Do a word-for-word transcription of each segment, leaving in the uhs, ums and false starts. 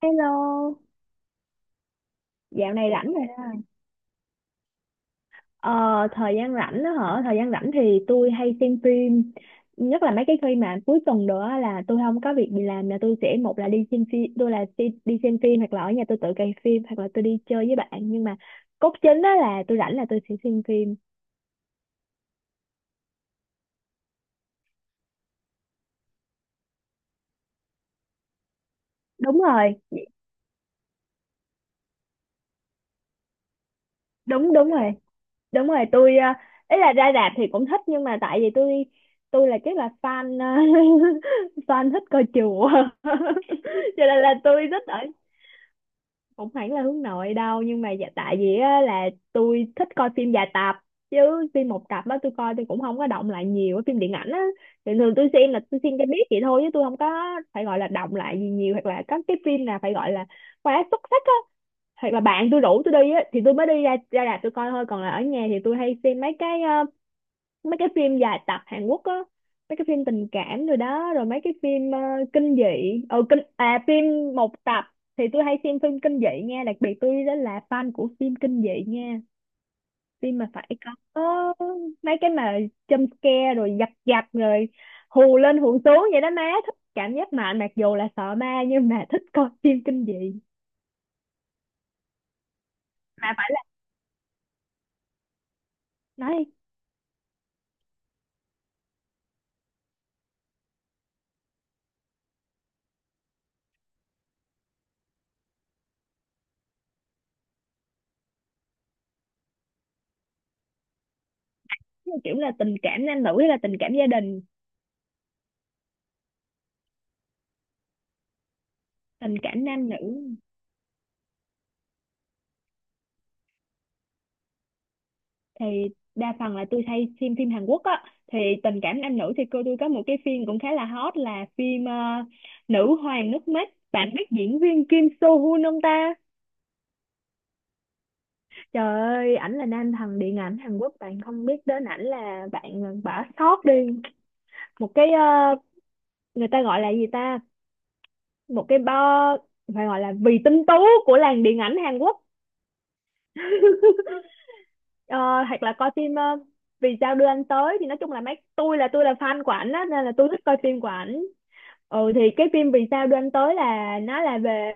Hello, dạo này rảnh rồi. Đó. Ờ, Thời gian rảnh đó hả? Thời gian rảnh thì tôi hay xem phim, nhất là mấy cái khi mà cuối tuần nữa á, là tôi không có việc gì làm là tôi sẽ một là đi xem phim, tôi là đi, đi xem phim hoặc là ở nhà tôi tự cày phim hoặc là tôi đi chơi với bạn, nhưng mà cốt chính đó là tôi rảnh là tôi sẽ xem phim. Đúng rồi, đúng đúng rồi, đúng rồi. Tôi ờ, ý là ra rạp thì cũng thích, nhưng mà tại vì tôi tôi là chắc là fan ờ, fan thích coi chùa cho nên là tôi thích ở. Không hẳn là hướng nội đâu, nhưng mà dạ, tại vì á, là tôi thích coi phim dài tập chứ phim một tập á tôi coi tôi cũng không có động lại nhiều. Cái phim điện ảnh á thì thường tôi xem là tôi xem cho biết vậy thôi chứ tôi không có phải gọi là động lại gì nhiều, hoặc là có cái phim nào phải gọi là quá xuất sắc á, hoặc là bạn tôi rủ tôi đi á thì tôi mới đi ra ra rạp tôi coi thôi. Còn là ở nhà thì tôi hay xem mấy cái mấy cái phim dài tập Hàn Quốc á, mấy cái phim tình cảm rồi đó, rồi mấy cái phim ờ, kinh dị. Ừ, kinh, à, phim một tập thì tôi hay xem phim kinh dị nha, đặc biệt tôi đó là fan của phim kinh dị nha. Phim mà phải có mấy cái mà jump scare rồi giật giật rồi hù lên hù xuống vậy đó, má thích cảm giác mạnh, mặc dù là sợ ma nhưng mà thích coi phim kinh dị. Mà phải là nói kiểu là tình cảm nam nữ hay là tình cảm gia đình. Tình cảm nam nữ thì đa phần là tôi hay xem phim Hàn Quốc á. Thì tình cảm nam nữ thì cô tôi có một cái phim cũng khá là hot là phim ờ, Nữ hoàng nước mắt, bạn biết diễn viên Kim So Hoon không ta? Trời ơi, ảnh là nam thần điện ảnh Hàn Quốc, bạn không biết đến ảnh là bạn bỏ sót đi. Một cái ờ, người ta gọi là gì ta, một cái bo, phải gọi là vì tinh tú của làng điện ảnh Hàn Quốc. Ờ, hoặc là coi phim ờ, Vì sao đưa anh tới, thì nói chung là mấy, tôi là tôi là fan của ảnh á nên là tôi thích coi phim của ảnh. Ừ, thì cái phim Vì sao đưa anh tới là nó là về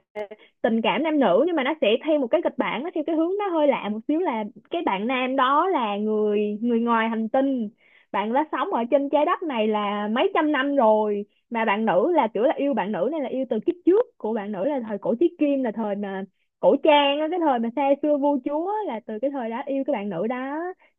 tình cảm nam nữ, nhưng mà nó sẽ theo một cái kịch bản, nó theo cái hướng nó hơi lạ một xíu là cái bạn nam đó là người người ngoài hành tinh, bạn đã sống ở trên trái đất này là mấy trăm năm rồi. Mà bạn nữ là kiểu là yêu bạn nữ này là yêu từ kiếp trước của bạn nữ, là thời cổ chí kim, là thời mà cổ trang á, cái thời mà xa xưa vua chúa, là từ cái thời đó yêu cái bạn nữ đó.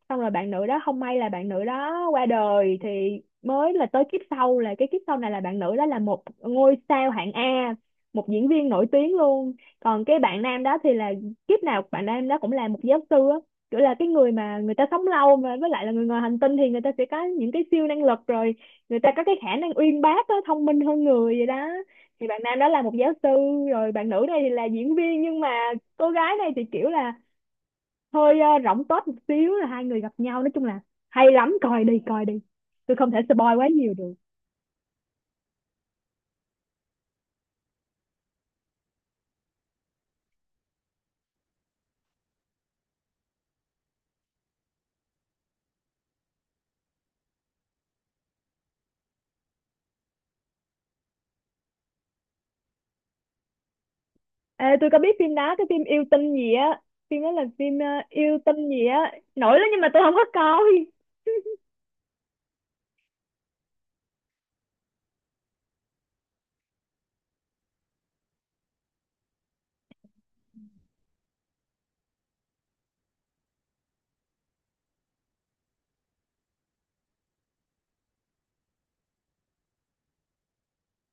Xong rồi bạn nữ đó không may là bạn nữ đó qua đời, thì mới là tới kiếp sau, là cái kiếp sau này là bạn nữ đó là một ngôi sao hạng A, một diễn viên nổi tiếng luôn. Còn cái bạn nam đó thì là kiếp nào bạn nam đó cũng là một giáo sư á, kiểu là cái người mà người ta sống lâu mà với lại là người ngoài hành tinh thì người ta sẽ có những cái siêu năng lực rồi, người ta có cái khả năng uyên bác á, thông minh hơn người vậy đó. Thì bạn nam đó là một giáo sư, rồi bạn nữ này thì là diễn viên, nhưng mà cô gái này thì kiểu là hơi ờ, rỗng tuếch một xíu, là hai người gặp nhau, nói chung là hay lắm, coi đi coi đi, tôi không thể spoil quá nhiều được. Ê, tôi có biết phim đó, cái phim yêu tinh gì á, phim đó là phim ờ, yêu tinh gì á, nổi lắm nhưng mà tôi không có coi.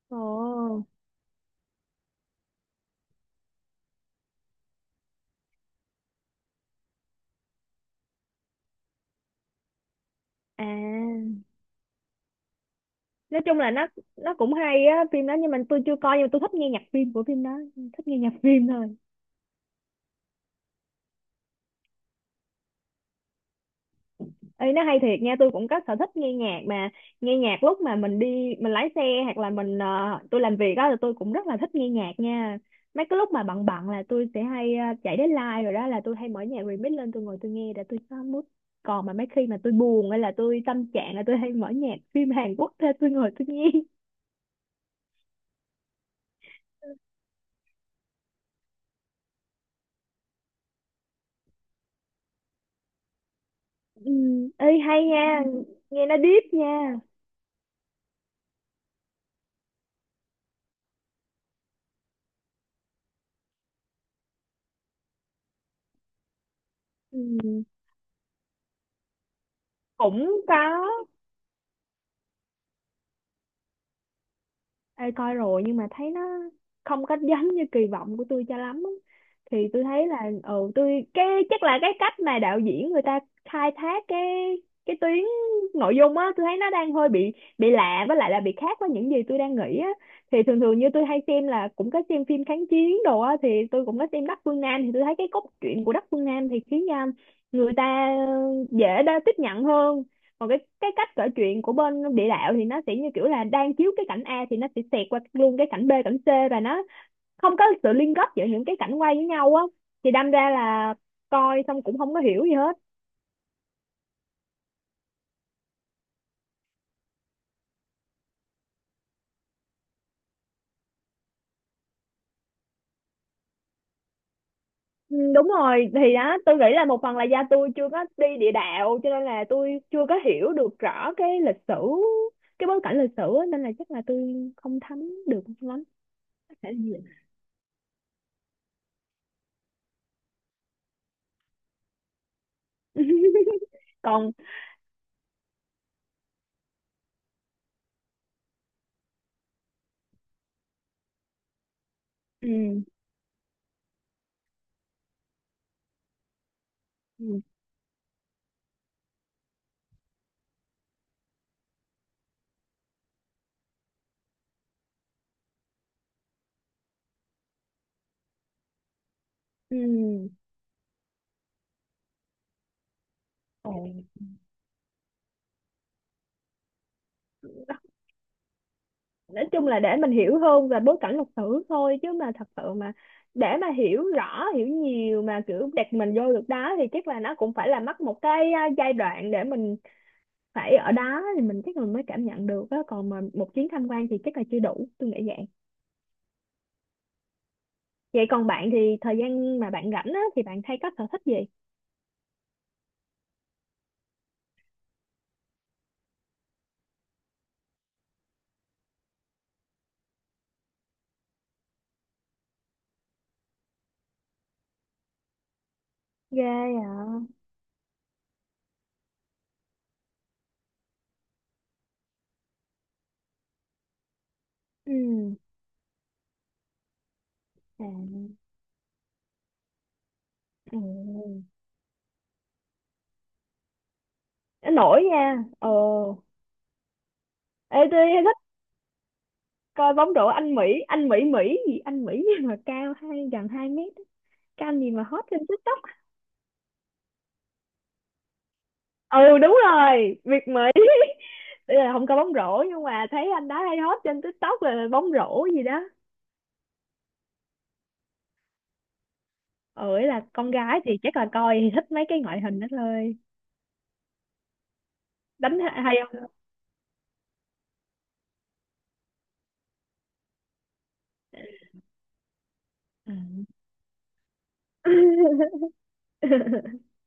Ồ, à, nói chung là nó nó cũng hay á, phim đó nhưng mà tôi chưa coi, nhưng mà tôi thích nghe nhạc phim của phim đó, thích nghe nhạc phim thôi. Ê, nó hay thiệt nha, tôi cũng có sở thích nghe nhạc mà. Nghe nhạc lúc mà mình đi, mình lái xe, hoặc là mình ờ, tôi làm việc đó, là tôi cũng rất là thích nghe nhạc nha. Mấy cái lúc mà bận bận là tôi sẽ hay ờ, chạy đến live rồi đó, là tôi hay mở nhạc remix lên tôi ngồi tôi nghe để tôi có mood. Còn mà mấy khi mà tôi buồn hay là tôi tâm trạng, là tôi hay mở nhạc phim Hàn Quốc ra tôi ngồi tôi nghe. Ừ, ê hay nha, nghe nó deep nha. Ừ, cũng có. Ê, coi rồi, nhưng mà thấy nó không có giống như kỳ vọng của tôi cho lắm á. Thì tôi thấy là, ừ, tôi cái chắc là cái cách mà đạo diễn người ta khai thác cái cái tuyến nội dung á, tôi thấy nó đang hơi bị bị lạ, với lại là bị khác với những gì tôi đang nghĩ á. Thì thường thường như tôi hay xem là cũng có xem phim kháng chiến đồ á, thì tôi cũng có xem Đắc Phương Nam, thì tôi thấy cái cốt truyện của Đắc Phương Nam thì khiến ờ, người ta dễ đa tiếp nhận hơn. Còn cái cái cách kể chuyện của bên địa đạo thì nó sẽ như kiểu là đang chiếu cái cảnh A thì nó sẽ xẹt qua luôn cái cảnh B cảnh C, và nó không có sự liên kết giữa những cái cảnh quay với nhau á, thì đâm ra là coi xong cũng không có hiểu gì hết. Ừ, đúng rồi, thì đó tôi nghĩ là một phần là do tôi chưa có đi địa đạo, cho nên là tôi chưa có hiểu được rõ cái lịch sử, cái bối cảnh lịch sử á, nên là chắc là tôi không thấm được lắm. Có thể là như vậy. Còn ừ, ừ, ừ. Ồ. Nói chung là để mình hiểu hơn về bối cảnh lịch sử thôi, chứ mà thật sự mà để mà hiểu rõ hiểu nhiều mà kiểu đặt mình vô được đó thì chắc là nó cũng phải là mất một cái à, giai đoạn để mình phải ở đó thì mình chắc mình mới cảm nhận được á, còn mà một chuyến tham quan thì chắc là chưa đủ, tôi nghĩ vậy. Vậy còn bạn thì thời gian mà bạn rảnh á thì bạn hay có sở thích gì? Ghê. À. Ừ. À. Ừ. Nổi nha. Ờ, ê, tôi thích coi bóng rổ anh Mỹ, anh Mỹ Mỹ gì, anh Mỹ nhưng mà cao hai, gần hai mét, cái anh gì mà hot trên TikTok. Ừ, đúng rồi, Việt Mỹ. Ý là không có bóng rổ, nhưng mà thấy anh đó hay hot trên TikTok là bóng rổ gì đó. Ừ, ý là con gái thì chắc là coi thì thích mấy cái ngoại hình đó thôi. Đánh ha- hay không? Ừ.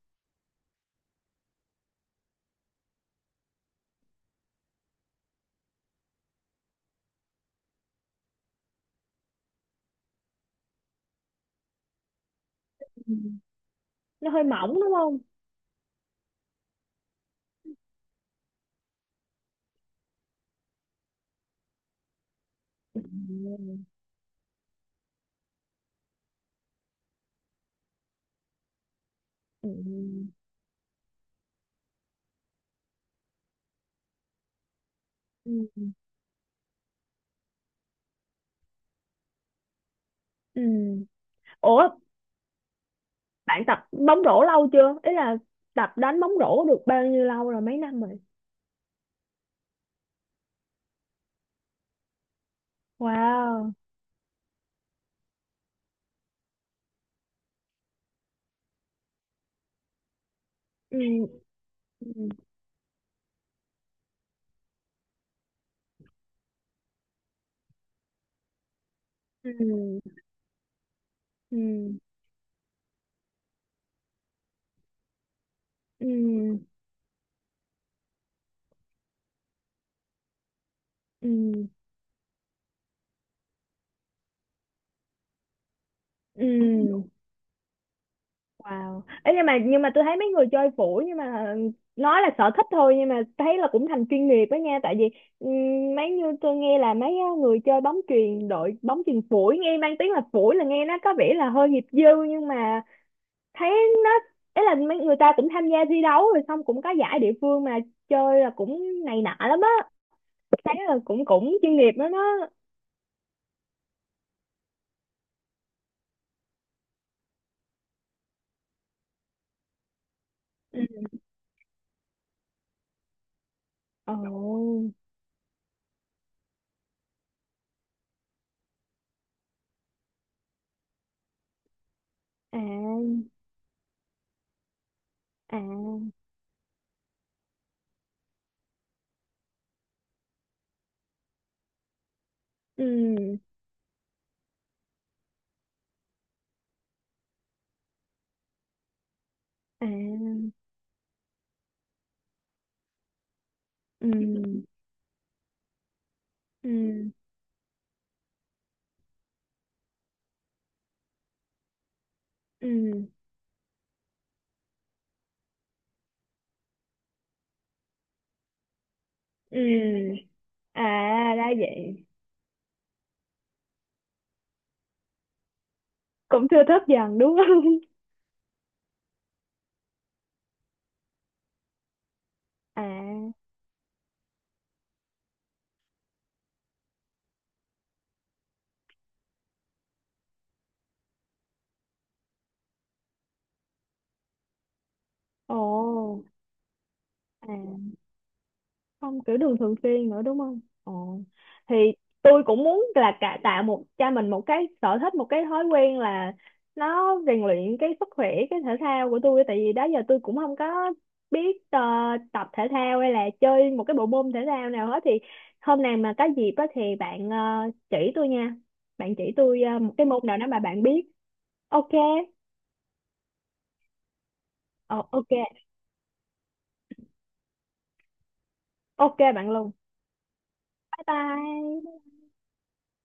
Nó hơi mỏng đúng không? Ừ. Ừ. Ừ. Ừ. Ủa, bạn tập bóng rổ lâu chưa, ý là tập đánh bóng rổ được bao nhiêu lâu rồi, mấy năm rồi? Wow. Ừ. Ừ. Ừ. Ừ. Ừ. Ừ. Ừ. Wow. Ấy, nhưng mà nhưng mà tôi thấy mấy người chơi phủi, nhưng mà nói là sở thích thôi, nhưng mà thấy là cũng thành chuyên nghiệp đó nha, tại vì ừ, mấy như tôi nghe là mấy á, người chơi bóng chuyền, đội bóng chuyền phủi, nghe mang tiếng là phủi là nghe nó có vẻ là hơi nghiệp dư, nhưng mà thấy nó, ấy là mấy người ta cũng tham gia thi đấu rồi xong cũng có giải địa phương mà chơi là cũng này nọ lắm á, thấy là cũng cũng chuyên nghiệp lắm đó. Ừ. Ồ. À. À. Ừ. À. Ừ. Ừ. Ừ. Ừ. À ra vậy. Cũng thưa thớt dần đúng không? À. Ồ. À, không kiểu đường thường xuyên nữa đúng không? Ồ, thì tôi cũng muốn là cả tạo một cho mình một cái sở thích, một cái thói quen là nó rèn luyện cái sức khỏe, cái thể thao của tôi, tại vì đó giờ tôi cũng không có biết ờ, tập thể thao hay là chơi một cái bộ môn thể thao nào hết. Thì hôm nào mà có dịp á thì bạn ờ, chỉ tôi nha, bạn chỉ tôi ờ, một cái môn nào đó mà bạn biết. Ok. Ồ, ok, ok bạn luôn. Bye bye.